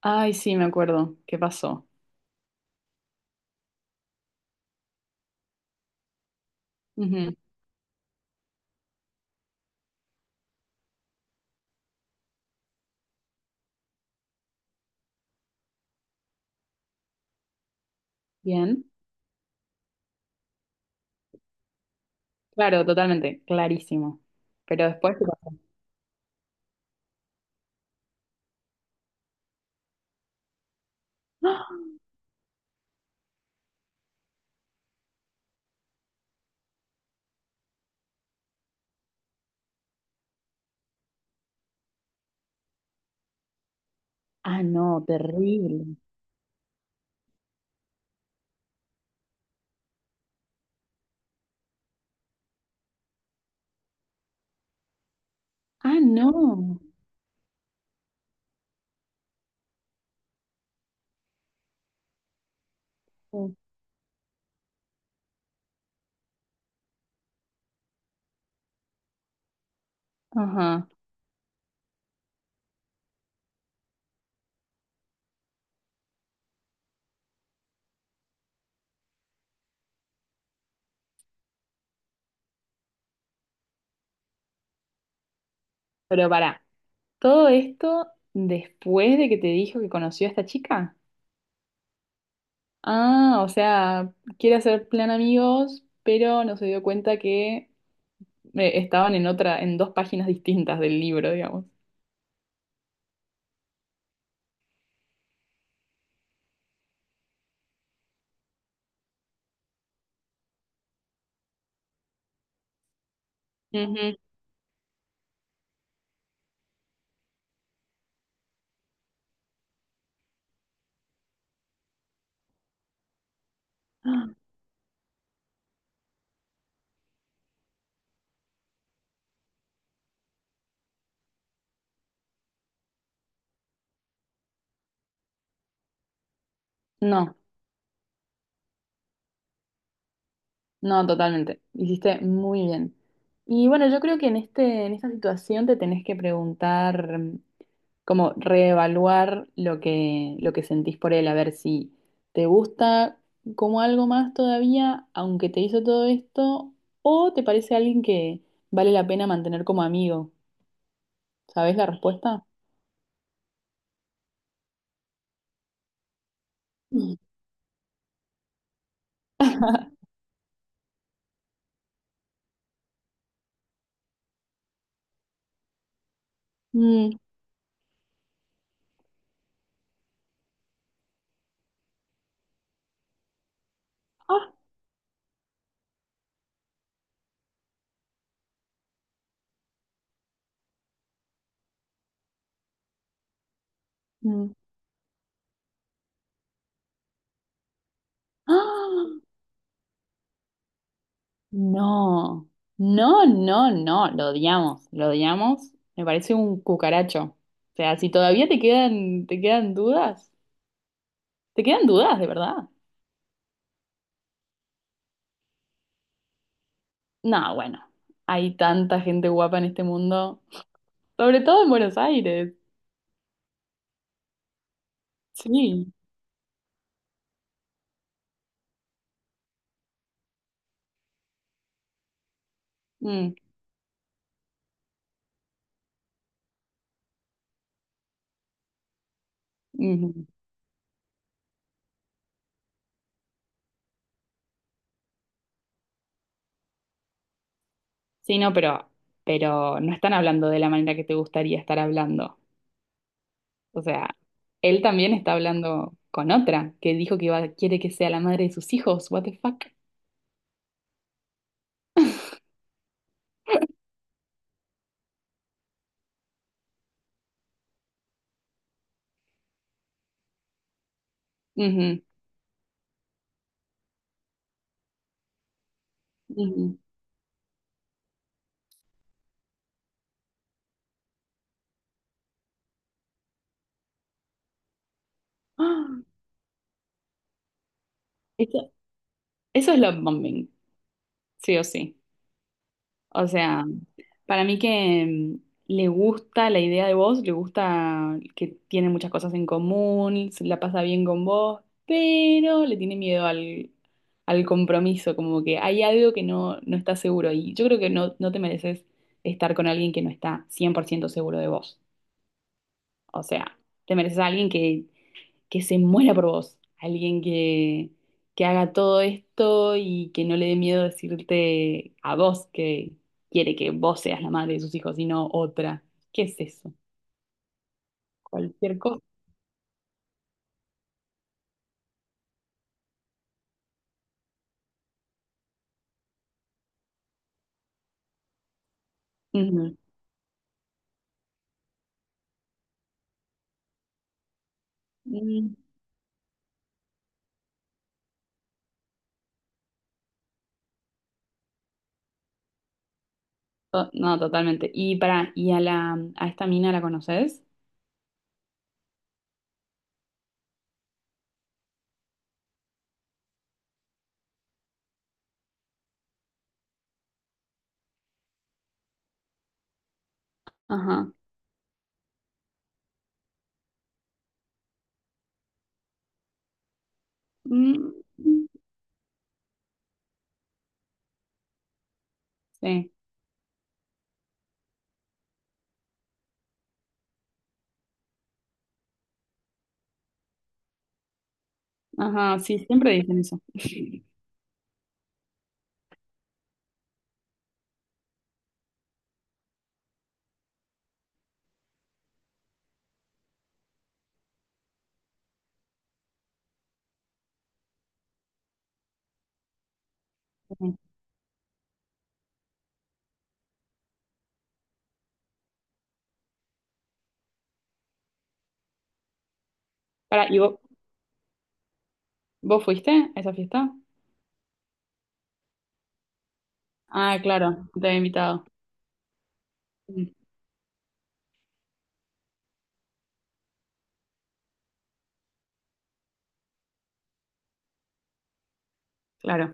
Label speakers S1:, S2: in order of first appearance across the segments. S1: Ay, sí, me acuerdo. ¿Qué pasó? Ujú. Bien. Claro, totalmente. Clarísimo. Pero después, ¿qué pasó? ¡Ah! Ah, no, terrible. Ah, no. Ajá. Pero pará, ¿todo esto después de que te dijo que conoció a esta chica? Ah, o sea, quiere hacer plan amigos, pero no se dio cuenta que estaban en otra, en dos páginas distintas del libro, digamos. Ujú. No. No, totalmente. Hiciste muy bien. Y bueno, yo creo que en esta situación te tenés que preguntar, como reevaluar lo que sentís por él, a ver si te gusta como algo más todavía, aunque te hizo todo esto, o te parece alguien que vale la pena mantener como amigo. ¿Sabés la respuesta? Mm. Mm. Ah. Mm. ¡Ah! No, no, no, no, lo odiamos, lo odiamos. Me parece un cucaracho. O sea, si todavía te quedan dudas, de verdad. No, bueno, hay tanta gente guapa en este mundo, sobre todo en Buenos Aires. Sí. Mm, ujú. Sí, no, pero no están hablando de la manera que te gustaría estar hablando. O sea, él también está hablando con otra que dijo que quiere que sea la madre de sus hijos. What the fuck? Ujú, ujú. ¡Ah! Eso, eso es love bombing, sí o sí. O sea, para mí que le gusta la idea de vos, le gusta que tiene muchas cosas en común, se la pasa bien con vos, pero le tiene miedo al compromiso, como que hay algo que no está seguro. Y yo creo que no te mereces estar con alguien que no está 100% seguro de vos. O sea, te mereces a alguien que se muera por vos, alguien que haga todo esto y que no le dé miedo decirte a vos que quiere que vos seas la madre de sus hijos y no otra. ¿Qué es eso? Cualquier cosa. Ujú. Mm, No, totalmente. Y ¿y a la a esta mina la conoces? Ajá. Mm, sí. Ajá, sí, siempre dicen eso. Para, ¿y vos, vos fuiste a esa fiesta? Ah, claro, te había invitado. Mm. Claro.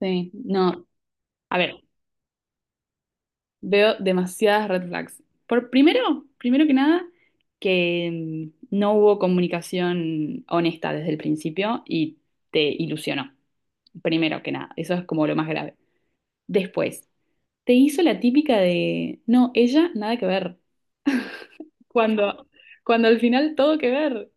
S1: Sí, no. A ver, veo demasiadas red flags. Por primero, primero que nada, que no hubo comunicación honesta desde el principio y te ilusionó. Primero que nada, eso es como lo más grave. Después, te hizo la típica de, no, ella nada que ver. Cuando, cuando al final todo que ver.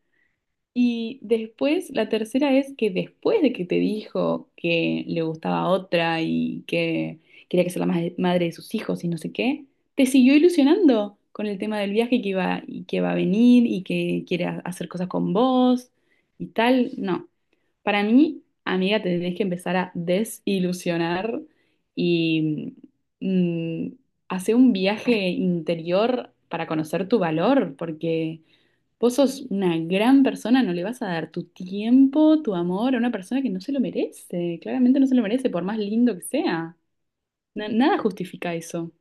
S1: Y después, la tercera es que después de que te dijo que le gustaba otra y que quería que sea la madre de sus hijos y no sé qué, te siguió ilusionando con el tema del viaje y que iba, y que va a venir y que quiere hacer cosas con vos y tal. No, para mí, amiga, te tenés que empezar a desilusionar y mm, hacer un viaje interior para conocer tu valor, porque... Vos sos una gran persona, no le vas a dar tu tiempo, tu amor a una persona que no se lo merece. Claramente no se lo merece, por más lindo que sea. Nada justifica eso.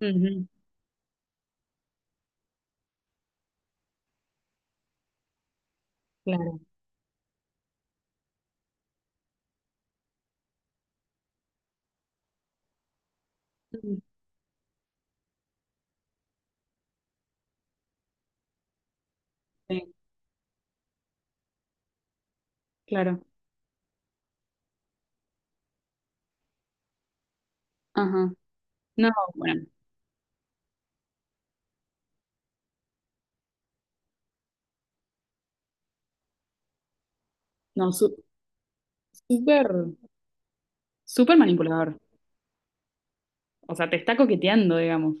S1: Ujú. Claro. Ujú. Sí, claro. Ajá. No, bueno, no, su- súper, súper manipulador. O sea, te está coqueteando, digamos,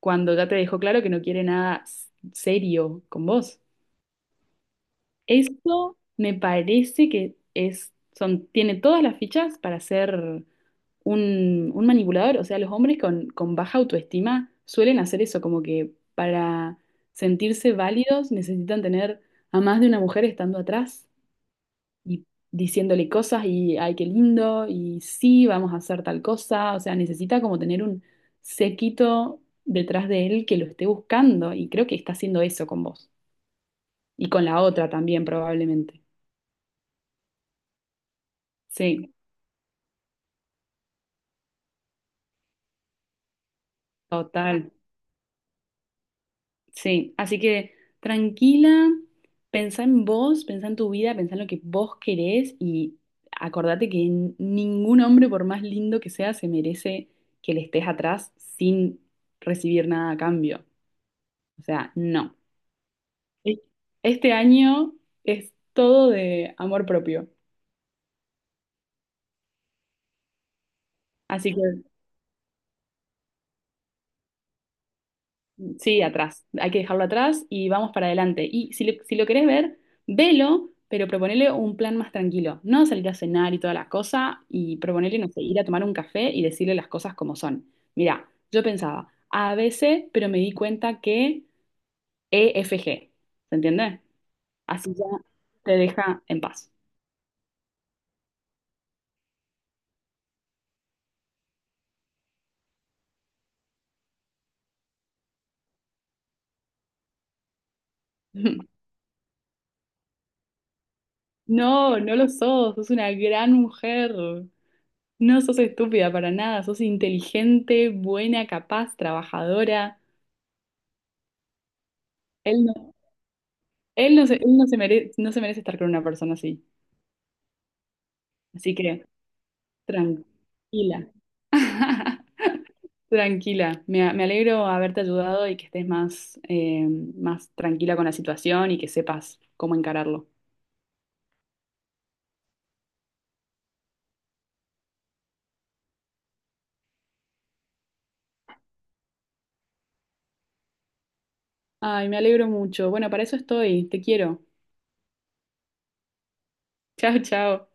S1: cuando ya te dejó claro que no quiere nada serio con vos. Eso me parece que son, tiene todas las fichas para ser un manipulador. O sea, los hombres con baja autoestima suelen hacer eso, como que para sentirse válidos necesitan tener a más de una mujer estando atrás y diciéndole cosas y, ay, qué lindo, y sí, vamos a hacer tal cosa. O sea, necesita como tener un séquito detrás de él que lo esté buscando y creo que está haciendo eso con vos y con la otra también probablemente. Sí, total. Sí, así que tranquila, pensá en vos, pensá en tu vida, pensá en lo que vos querés y acordate que ningún hombre, por más lindo que sea, se merece que le estés atrás sin recibir nada a cambio. O sea, no. E- Este año es todo de amor propio. Así que sí, atrás. Hay que dejarlo atrás y vamos para adelante. Y si, si lo querés ver, velo, pero proponele un plan más tranquilo. No salir a cenar y toda la cosa y proponele, no sé, ir a tomar un café y decirle las cosas como son. Mira, yo pensaba a ABC, pero me di cuenta que EFG. ¿Se entiende? Así ya te deja en paz. No, no lo sos. Sos una gran mujer. No sos estúpida para nada. Sos inteligente, buena, capaz, trabajadora. Él no Él no él no se merece, no se merece estar con una persona así. Así que tranquila. Tranquila. Me alegro haberte ayudado y que estés más, más tranquila con la situación y que sepas cómo encararlo. Ay, me alegro mucho. Bueno, para eso estoy. Te quiero. Chao, chao.